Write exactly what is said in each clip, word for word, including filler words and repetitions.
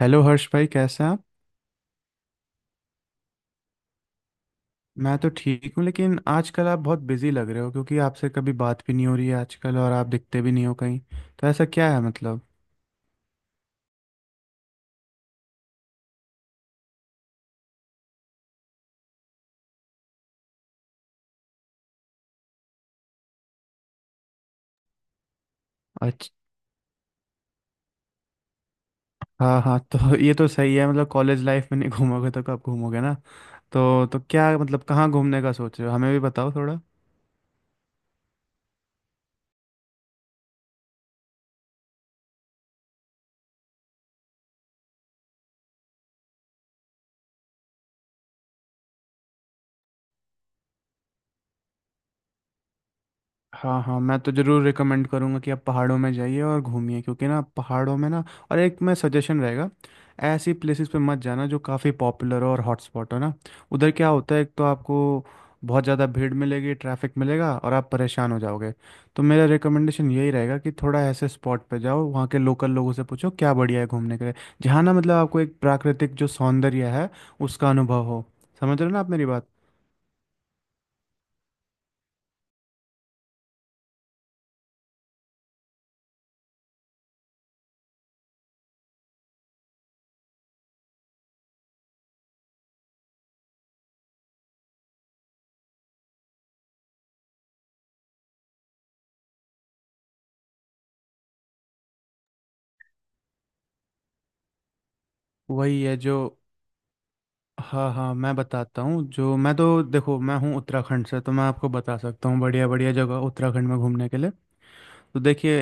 Hello Harsh भाई, कैसे हैं आप। मैं तो ठीक हूँ, लेकिन आजकल आप बहुत बिजी लग रहे हो क्योंकि आपसे कभी बात भी नहीं हो रही है आजकल, और आप दिखते भी नहीं हो कहीं। तो ऐसा क्या है मतलब। अच्छा। हाँ हाँ, तो ये तो सही है, मतलब कॉलेज लाइफ में नहीं घूमोगे तो कब घूमोगे ना। तो तो क्या मतलब कहाँ घूमने का सोच रहे हो, हमें भी बताओ थोड़ा। हाँ हाँ, मैं तो ज़रूर रिकमेंड करूँगा कि आप पहाड़ों में जाइए और घूमिए, क्योंकि ना पहाड़ों में ना। और एक मैं सजेशन रहेगा, ऐसी प्लेसेस पे मत जाना जो काफ़ी पॉपुलर हो और हॉटस्पॉट हो ना। उधर क्या होता है, एक तो आपको बहुत ज़्यादा भीड़ मिलेगी, ट्रैफिक मिलेगा और आप परेशान हो जाओगे। तो मेरा रिकमेंडेशन यही रहेगा कि थोड़ा ऐसे स्पॉट पे जाओ, वहाँ के लोकल लोगों से पूछो क्या बढ़िया है घूमने के लिए, जहाँ ना मतलब आपको एक प्राकृतिक जो सौंदर्य है उसका अनुभव हो। समझ रहे हो ना आप मेरी बात। वही है जो। हाँ हाँ, मैं बताता हूँ। जो मैं तो, देखो मैं हूँ उत्तराखंड से, तो मैं आपको बता सकता हूँ बढ़िया बढ़िया जगह उत्तराखंड में घूमने के लिए। तो देखिए,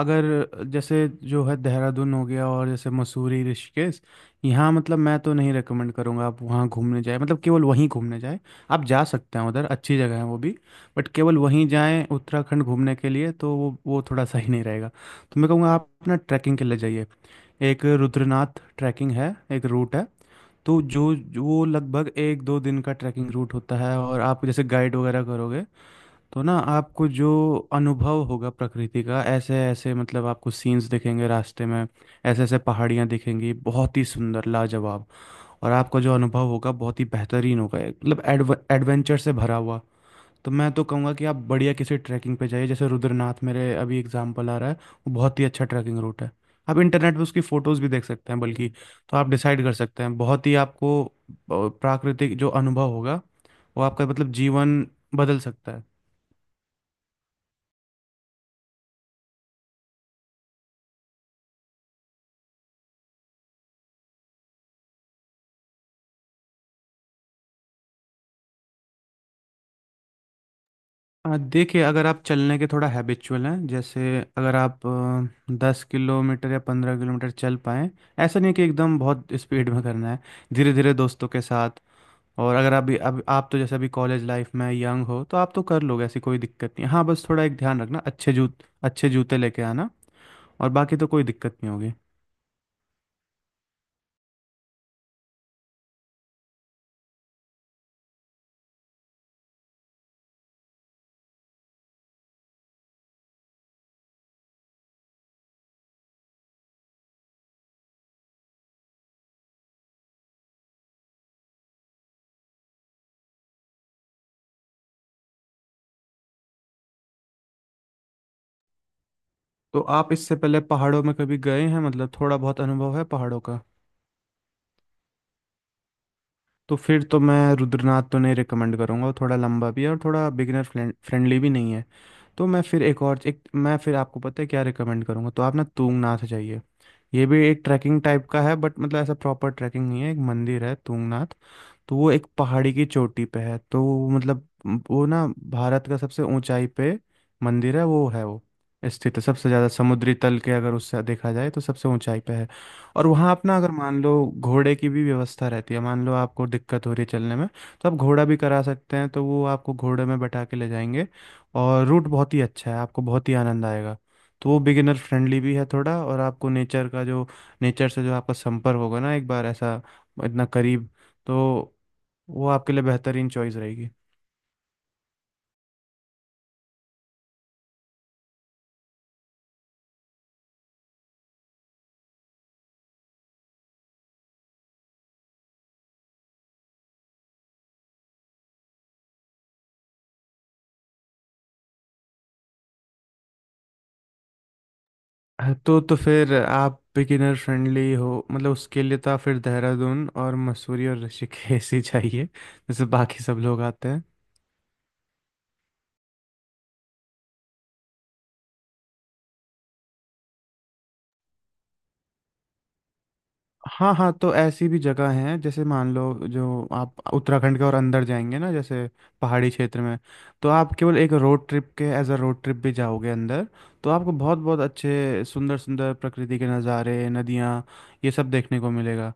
अगर जैसे जो है देहरादून हो गया और जैसे मसूरी ऋषिकेश, यहाँ मतलब मैं तो नहीं रेकमेंड करूँगा आप वहाँ घूमने जाए, मतलब केवल वहीं घूमने जाए। आप जा सकते हैं उधर, अच्छी जगह है वो भी, बट केवल वहीं जाएं उत्तराखंड घूमने के लिए, तो वो वो थोड़ा सही नहीं रहेगा। तो मैं कहूँगा आप ना ट्रैकिंग के लिए जाइए। एक रुद्रनाथ ट्रैकिंग है, एक रूट है। तो जो जो वो लगभग एक दो दिन का ट्रैकिंग रूट होता है, और आप जैसे गाइड वगैरह करोगे तो ना आपको जो अनुभव होगा प्रकृति का, ऐसे ऐसे, मतलब आपको सीन्स दिखेंगे रास्ते में, ऐसे ऐसे पहाड़ियाँ दिखेंगी बहुत ही सुंदर, लाजवाब। और आपका जो अनुभव होगा बहुत ही बेहतरीन होगा, एक, मतलब एडवेंचर से भरा हुआ। तो मैं तो कहूँगा कि आप बढ़िया किसी ट्रैकिंग पे जाइए, जैसे रुद्रनाथ मेरे अभी एग्जाम्पल आ रहा है। वो बहुत ही अच्छा ट्रैकिंग रूट है। आप इंटरनेट पे उसकी फ़ोटोज़ भी देख सकते हैं बल्कि, तो आप डिसाइड कर सकते हैं। बहुत ही आपको अ, प्राकृतिक जो अनुभव होगा वो आपका मतलब जीवन बदल सकता है। अ, देखिए, अगर आप चलने के थोड़ा हैबिचुअल हैं, जैसे अगर आप दस किलोमीटर या पंद्रह किलोमीटर चल पाएं, ऐसा नहीं है कि एकदम बहुत स्पीड में करना है, धीरे धीरे दोस्तों के साथ। और अगर अभी अब आप तो जैसे अभी कॉलेज लाइफ में यंग हो, तो आप तो कर लोगे, ऐसी कोई दिक्कत नहीं। हाँ बस थोड़ा एक ध्यान रखना, अच्छे जूत अच्छे जूते लेके आना, और बाकी तो कोई दिक्कत नहीं होगी। तो आप इससे पहले पहाड़ों में कभी गए हैं, मतलब थोड़ा बहुत अनुभव है पहाड़ों का। तो फिर तो मैं रुद्रनाथ तो नहीं रिकमेंड करूँगा, वो थोड़ा लंबा भी है और थोड़ा बिगिनर फ्रेंडली भी नहीं है। तो मैं फिर एक और एक मैं फिर आपको पता है क्या रिकमेंड करूँगा, तो आप ना तुंगनाथ जाइए। ये भी एक ट्रैकिंग टाइप का है, बट मतलब ऐसा प्रॉपर ट्रैकिंग नहीं है, एक मंदिर है तुंगनाथ। तो वो एक पहाड़ी की चोटी पे है, तो वो मतलब वो ना भारत का सबसे ऊंचाई पे मंदिर है, वो है, वो स्थित है सबसे ज़्यादा समुद्री तल के, अगर उससे देखा जाए तो सबसे ऊंचाई पे है। और वहाँ अपना अगर मान लो घोड़े की भी व्यवस्था रहती है, मान लो आपको दिक्कत हो रही है चलने में, तो आप घोड़ा भी करा सकते हैं, तो वो आपको घोड़े में बैठा के ले जाएंगे। और रूट बहुत ही अच्छा है, आपको बहुत ही आनंद आएगा। तो वो बिगिनर फ्रेंडली भी है थोड़ा, और आपको नेचर का जो, नेचर से जो आपका संपर्क होगा ना एक बार, ऐसा इतना करीब, तो वो आपके लिए बेहतरीन चॉइस रहेगी। हाँ, तो तो फिर आप बिगिनर फ्रेंडली हो, मतलब उसके लिए तो आप फिर देहरादून और मसूरी और ऋषिकेश ही चाहिए, जैसे बाकी सब लोग आते हैं। हाँ हाँ, तो ऐसी भी जगह हैं, जैसे मान लो जो आप उत्तराखंड के और अंदर जाएंगे ना, जैसे पहाड़ी क्षेत्र में, तो आप केवल एक रोड ट्रिप के एज अ रोड ट्रिप भी जाओगे अंदर, तो आपको बहुत बहुत अच्छे सुंदर सुंदर प्रकृति के नज़ारे, नदियाँ, ये सब देखने को मिलेगा।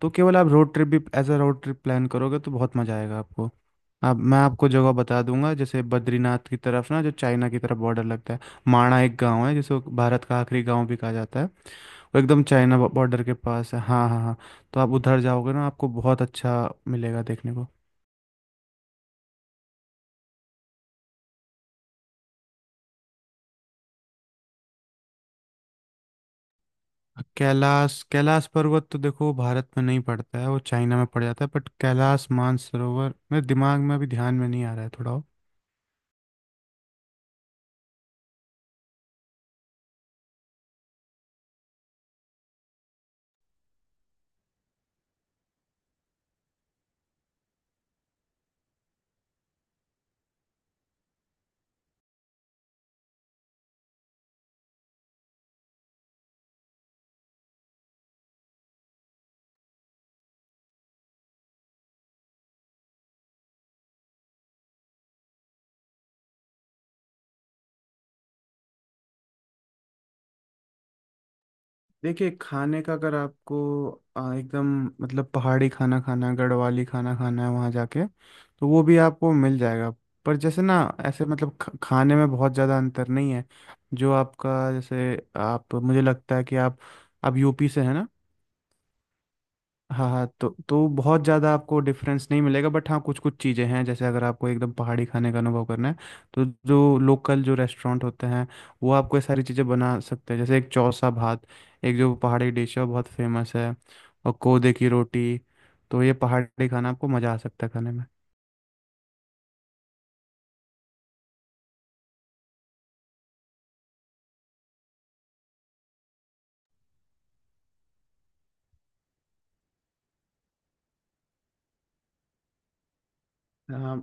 तो केवल आप रोड ट्रिप भी as a road trip plan करोगे तो बहुत मज़ा आएगा आपको। आप, मैं आपको जगह बता दूंगा, जैसे बद्रीनाथ की तरफ ना, जो चाइना की तरफ बॉर्डर लगता है, माणा एक गांव है जिसको भारत का आखिरी गांव भी कहा जाता है, वो एकदम चाइना बॉर्डर के पास है। हाँ हाँ हाँ, तो आप उधर जाओगे ना आपको बहुत अच्छा मिलेगा देखने को। कैलाश कैलाश पर्वत तो देखो भारत में नहीं पड़ता है, वो चाइना में पड़ जाता है, बट कैलाश मानसरोवर मेरे दिमाग में अभी ध्यान में नहीं आ रहा है थोड़ा। देखिए, खाने का अगर आपको आ, एकदम, मतलब पहाड़ी खाना खाना है, गढ़वाली खाना खाना है वहाँ जाके, तो वो भी आपको मिल जाएगा। पर जैसे ना, ऐसे मतलब ख- खाने में बहुत ज़्यादा अंतर नहीं है। जो आपका जैसे, आप मुझे लगता है कि आप आप यूपी से है ना। हाँ हाँ, तो तो बहुत ज़्यादा आपको डिफरेंस नहीं मिलेगा, बट हाँ कुछ कुछ चीज़ें हैं, जैसे अगर आपको एकदम पहाड़ी खाने का अनुभव करना है, तो जो लोकल जो रेस्टोरेंट होते हैं, वो आपको ये सारी चीज़ें बना सकते हैं। जैसे एक चौसा भात, एक जो पहाड़ी डिश है वो बहुत फेमस है, और कोदे की रोटी। तो ये पहाड़ी खाना आपको मज़ा आ सकता है खाने में। हाँ।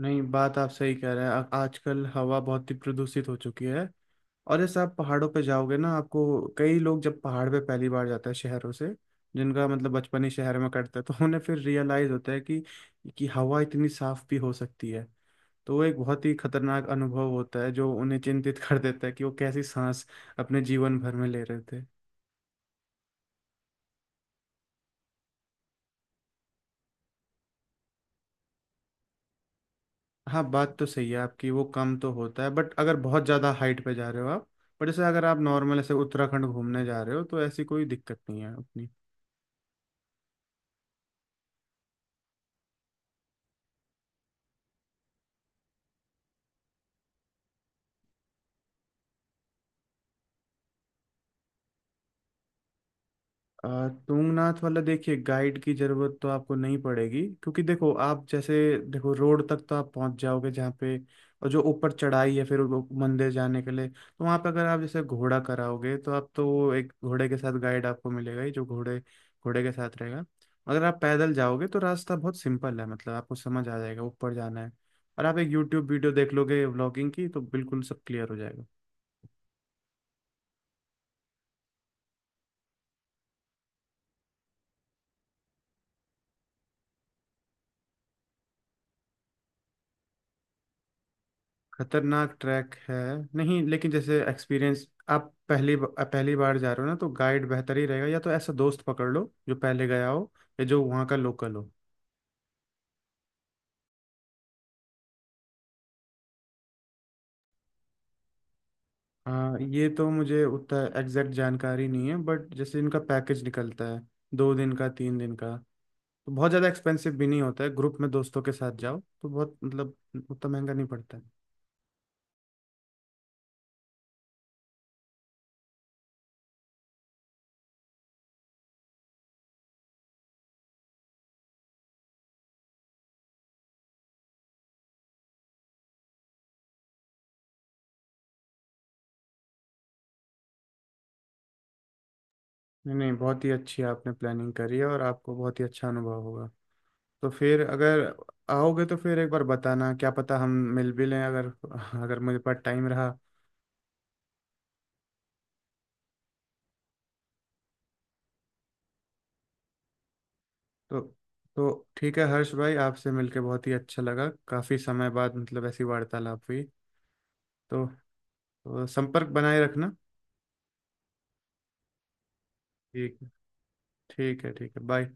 नहीं बात आप सही कह रहे हैं, आ- आजकल हवा बहुत ही प्रदूषित हो चुकी है। और जैसे आप पहाड़ों पे जाओगे ना आपको, कई लोग जब पहाड़ पे पहली बार जाते हैं शहरों से, जिनका मतलब बचपन ही शहर में कटता है, तो उन्हें फिर रियलाइज होता है कि कि हवा इतनी साफ भी हो सकती है। तो वो एक बहुत ही खतरनाक अनुभव होता है जो उन्हें चिंतित कर देता है कि वो कैसी सांस अपने जीवन भर में ले रहे थे। हाँ बात तो सही है आपकी, वो कम तो होता है, बट अगर बहुत ज़्यादा हाइट पे जा रहे हो आप। पर जैसे अगर आप नॉर्मल ऐसे उत्तराखंड घूमने जा रहे हो तो ऐसी कोई दिक्कत नहीं है अपनी। अ, तुंगनाथ वाला, देखिए गाइड की जरूरत तो आपको नहीं पड़ेगी, क्योंकि देखो आप जैसे, देखो रोड तक तो आप पहुंच जाओगे जहाँ पे, और जो ऊपर चढ़ाई है फिर वो मंदिर जाने के लिए, तो वहाँ पे अगर आप जैसे घोड़ा कराओगे तो आप तो, वो एक घोड़े के साथ गाइड आपको मिलेगा ही जो घोड़े घोड़े के साथ रहेगा। अगर आप पैदल जाओगे तो रास्ता बहुत सिंपल है, मतलब आपको समझ आ जाएगा ऊपर जाना है, और आप एक यूट्यूब वीडियो देख लोगे व्लॉगिंग की तो बिल्कुल सब क्लियर हो जाएगा। खतरनाक ट्रैक है। नहीं लेकिन जैसे एक्सपीरियंस, आप पहली ब- आप पहली बार जा रहे हो ना, तो गाइड बेहतर ही रहेगा, या तो ऐसा दोस्त पकड़ लो जो पहले गया हो, या जो वहाँ का लोकल हो। हाँ ये तो मुझे उतना एग्जैक्ट जानकारी नहीं है, बट जैसे इनका पैकेज निकलता है दो दिन का तीन दिन का, तो बहुत ज़्यादा एक्सपेंसिव भी नहीं होता है। ग्रुप में दोस्तों के साथ जाओ तो बहुत मतलब उतना महंगा नहीं पड़ता है। नहीं नहीं, बहुत ही अच्छी आपने प्लानिंग करी है और आपको बहुत ही अच्छा अनुभव होगा। तो फिर अगर आओगे तो फिर एक बार बताना, क्या पता हम मिल भी लें, अगर, अगर मेरे पास टाइम रहा। तो तो ठीक है हर्ष भाई, आपसे मिलके बहुत ही अच्छा लगा, काफ़ी समय बाद मतलब ऐसी वार्तालाप हुई। तो, तो संपर्क बनाए रखना। ठीक है, ठीक है ठीक है, बाय।